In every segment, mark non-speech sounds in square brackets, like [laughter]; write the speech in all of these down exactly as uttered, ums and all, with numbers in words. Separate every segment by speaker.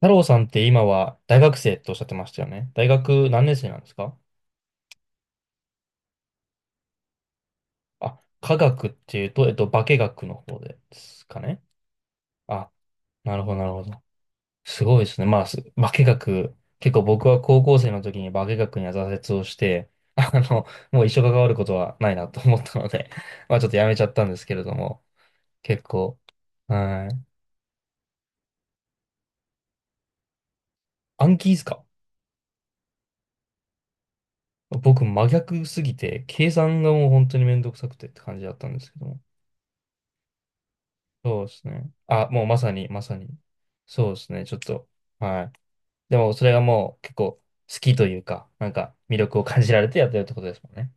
Speaker 1: 太郎さんって今は大学生とおっしゃってましたよね。大学何年生なんですか？あ、科学っていうと、えっと、化学の方ですかね。あ、なるほど、なるほど。すごいですね。まあ、す化学、結構僕は高校生の時に化学には挫折をして、あの、もう一生関わることはないなと思ったので、[laughs] まあちょっとやめちゃったんですけれども、結構、はい。暗記ですか？僕真逆すぎて、計算がもう本当にめんどくさくてって感じだったんですけども。そうですね。あ、もうまさに、まさに。そうですね、ちょっと。はい。でも、それがもう結構好きというか、なんか魅力を感じられてやってるってことですもんね。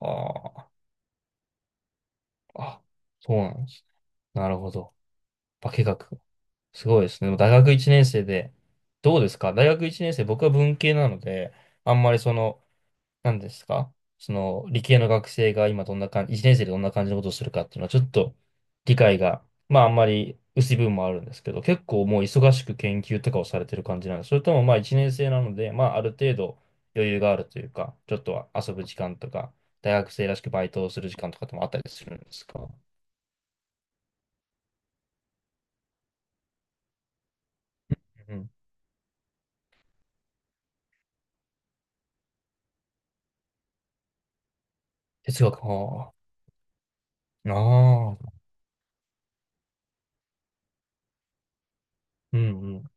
Speaker 1: ああ、あ、そうなんですね。なるほど。化学。すごいですね。でも大学いちねん生で、どうですか、大学いちねん生、僕は文系なので、あんまりその、なんですか、その、理系の学生が今どんな感じ、いちねん生でどんな感じのことをするかっていうのは、ちょっと理解が、まああんまり薄い部分もあるんですけど、結構もう忙しく研究とかをされてる感じなんです？それともまあいちねん生なので、まあある程度余裕があるというか、ちょっとは遊ぶ時間とか、大学生らしくバイトをする時間とかってもあったりするんですか？うん。哲学、ああ、ああ、うんうん。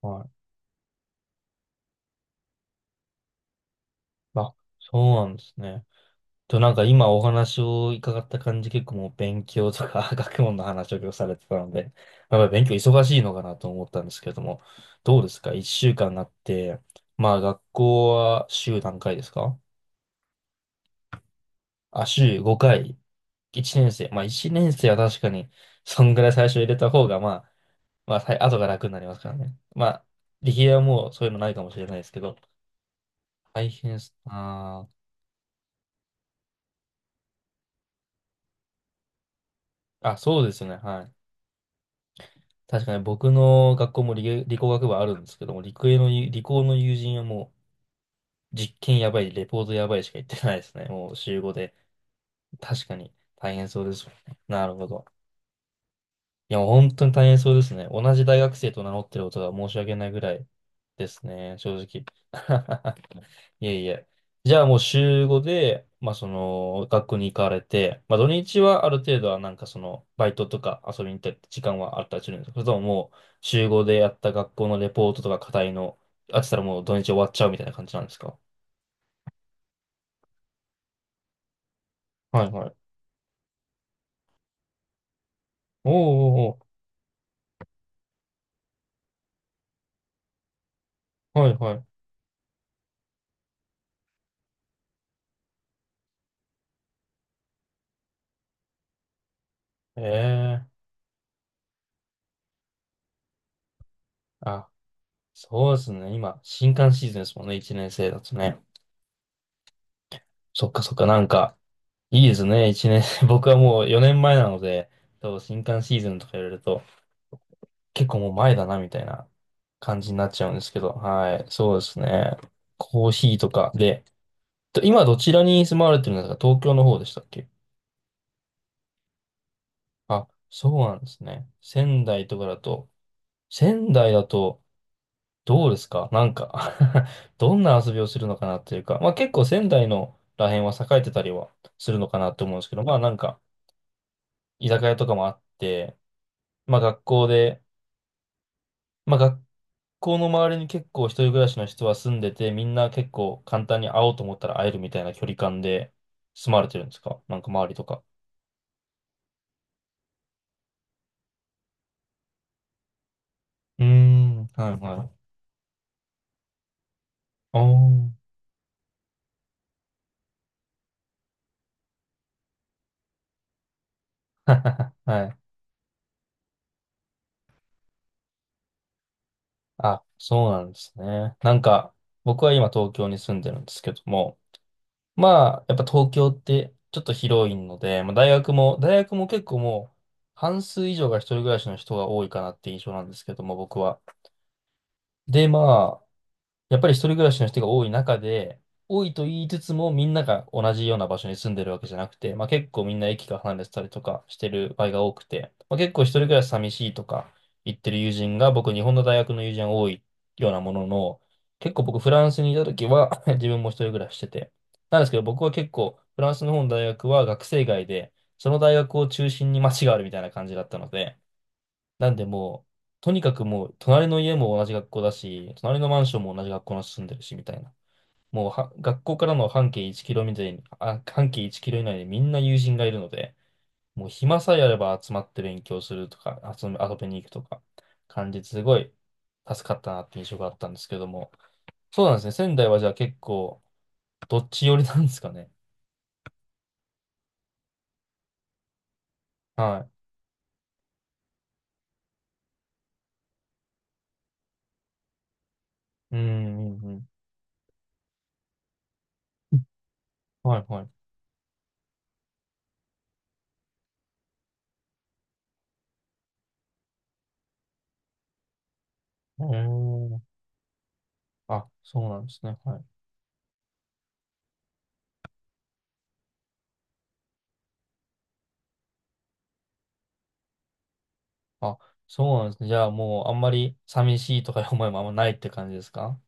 Speaker 1: はい。あ、そうなんですね。と、なんか今お話を伺った感じ、結構もう勉強とか [laughs] 学問の話を今日されてたので、まあやっぱり勉強忙しいのかなと思ったんですけれども、どうですか、一週間あって、まあ学校は週何回ですか？あ、週ごかい。いちねん生。まあいちねん生は確かに、そんぐらい最初入れた方が、まあ、まあ、さい後が楽になりますからね。まあ、理系はもうそういうのないかもしれないですけど、大変す。あー、あ、そうですね。はい。確かに僕の学校も理、理工学部あるんですけども、理系の友理工の友人はもう実験やばい、レポートやばいしか言ってないですね。もう週ごで。確かに大変そうですよね。なるほど。いや、もう本当に大変そうですね。同じ大学生と名乗ってることが申し訳ないぐらいですね、正直。[laughs] いえいえ。じゃあもう週ごで、まあその、学校に行かれて、まあ土日はある程度はなんかその、バイトとか遊びに行ったり時間はあったりするんですか？それとももう、週ごでやった学校のレポートとか課題の、あってたらもう土日終わっちゃうみたいな感じなんですか？はいはい。おー、おー、おー、はいはい。ええ、あ、そうですね。今、新歓シーズンですもんね、いちねん生だとね。そっかそっか、なんか、いいですね、一年。[laughs] 僕はもうよねんまえなので、多分新刊シーズンとか言われると、結構もう前だな、みたいな感じになっちゃうんですけど、はい、そうですね。コーヒーとかで、と今どちらに住まわれてるんですか？東京の方でしたっけ？あ、そうなんですね。仙台とかだと、仙台だと、どうですか、なんか [laughs] どんな遊びをするのかなっていうか、まあ結構仙台のら辺は栄えてたりはするのかなと思うんですけど、まあなんか、居酒屋とかもあって、まあ学校で、まあ学校の周りに結構一人暮らしの人は住んでて、みんな結構簡単に会おうと思ったら会えるみたいな距離感で住まれてるんですか、なんか周りとか。うーん、はいはい。おー。[laughs] はい。あ、そうなんですね。なんか、僕は今東京に住んでるんですけども、まあ、やっぱ東京ってちょっと広いので、まあ大学も、大学も結構もう半数以上が一人暮らしの人が多いかなって印象なんですけども、僕は。で、まあ、やっぱり一人暮らしの人が多い中で、多いと言いつつもみんなが同じような場所に住んでるわけじゃなくて、まあ、結構みんな駅が離れてたりとかしてる場合が多くて、まあ、結構一人暮らし寂しいとか言ってる友人が僕日本の大学の友人が多いようなものの、結構僕フランスにいた時は [laughs] 自分も一人暮らししてて、なんですけど僕は結構フランスの方の大学は学生街で、その大学を中心に街があるみたいな感じだったので、なんでもう、とにかくもう、隣の家も同じ学校だし、隣のマンションも同じ学校に住んでるし、みたいな。もうは、学校からの半径いちキロ以内に、あ、半径いちキロ以内でみんな友人がいるので、もう暇さえあれば集まって勉強するとか、遊び、遊びに行くとか、感じですごい助かったなって印象があったんですけども。そうなんですね。仙台はじゃあ結構、どっち寄りなんですかね。はい。うん、うん、うん。はい、はい。えー、あ、そうなんですね。はい。あ、そうなんですね。じゃあもうあんまり寂しいとかいう思いもあんまないって感じですか？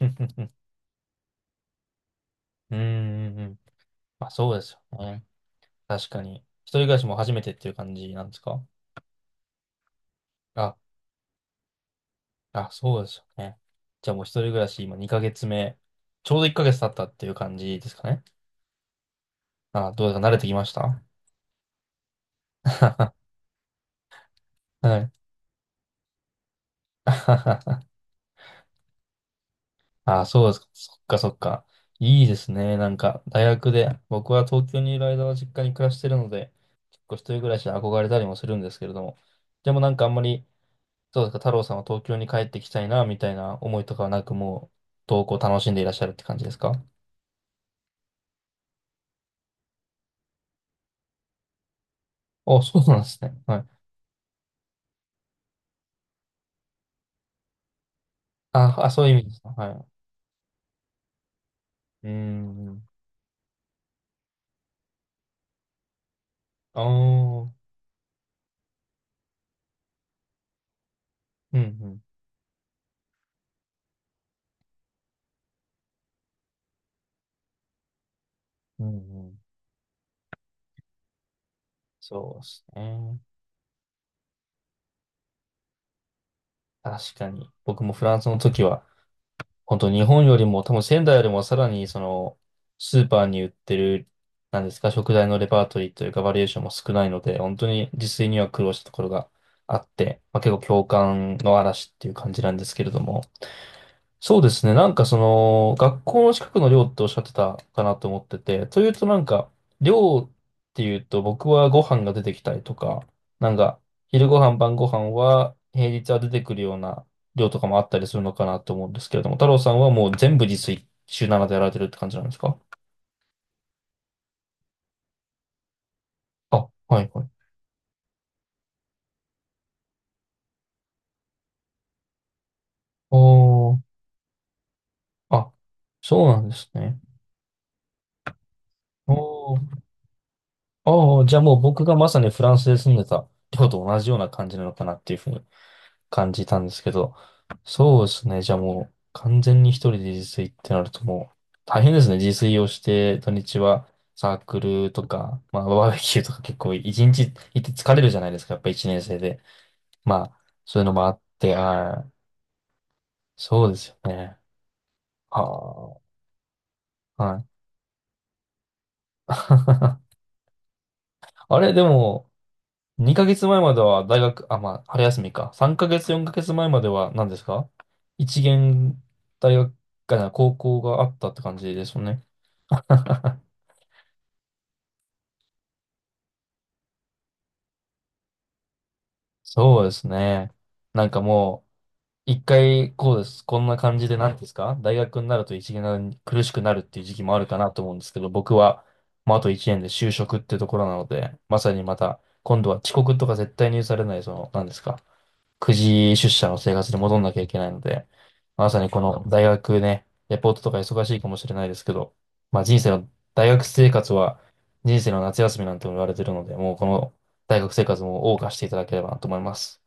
Speaker 1: [laughs] うん、うんうん。まあそうですよね。確かに。一人暮らしも初めてっていう感じなんですか？あ、あ、そうですよね。じゃあもう一人暮らし今にかげつめ、ちょうどいっかげつ経ったっていう感じですかね。あ、どうですか、慣れてきました？ [laughs] はい。[laughs] あ、そうですか。そっかそっか。いいですね。なんか、大学で、僕は東京にいる間は実家に暮らしてるので、結構一人暮らしで憧れたりもするんですけれども、でもなんかあんまり、そうですか、太郎さんは東京に帰ってきたいな、みたいな思いとかはなく、もう、投稿楽しんでいらっしゃるって感じですか？お [laughs] そうなんですね。はい。あ、あ、そういう意味ですか。はい。うーん。ああ、うんうん。うんうん。そうですね。確かに。僕もフランスの時は、本当日本よりも多分仙台よりもさらにそのスーパーに売ってる、なんですか、食材のレパートリーというかバリエーションも少ないので本当に自炊には苦労したところがあって、まあ、結構共感の嵐っていう感じなんですけれども、そうですね。なんかその、学校の近くの寮っておっしゃってたかなと思ってて、というとなんか、寮っていうと僕はご飯が出てきたりとか、なんか、昼ご飯、晩ご飯は平日は出てくるような寮とかもあったりするのかなと思うんですけれども、太郎さんはもう全部自炊、週ななでやられてるって感じなんですか？あ、はいはい。おー、あ、そうなんですね。おー、あー、じゃあもう僕がまさにフランスで住んでた寮と同じような感じなのかなっていうふうに感じたんですけど、そうですね。じゃあもう完全に一人で自炊ってなるともう大変ですね。自炊をして土日はサークルとか、まあバーベキューとか結構一日行って疲れるじゃないですか。やっぱ一年生で。まあそういうのもあって、ああ、そうですよね。はあ、はい。[laughs] あれ、でも2ヶ月前まえまでは大学、あ、まあ春休みか。さんかげつ、4ヶ月前まえまでは何ですか、一限大学、あ、高校があったって感じですよね。[laughs] そうですね。なんかもう、一回こうです。こんな感じで、なんですか、大学になると一年苦しくなるっていう時期もあるかなと思うんですけど、僕は、まあ、あと一年で就職ってところなので、まさにまた、今度は遅刻とか絶対に許されない、その、なんですか、くじ出社の生活に戻んなきゃいけないので、まさにこの大学ね、レポートとか忙しいかもしれないですけど、まあ人生の、大学生活は人生の夏休みなんても言われてるので、もうこの大学生活も謳歌していただければなと思います。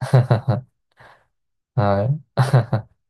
Speaker 1: [laughs] はい。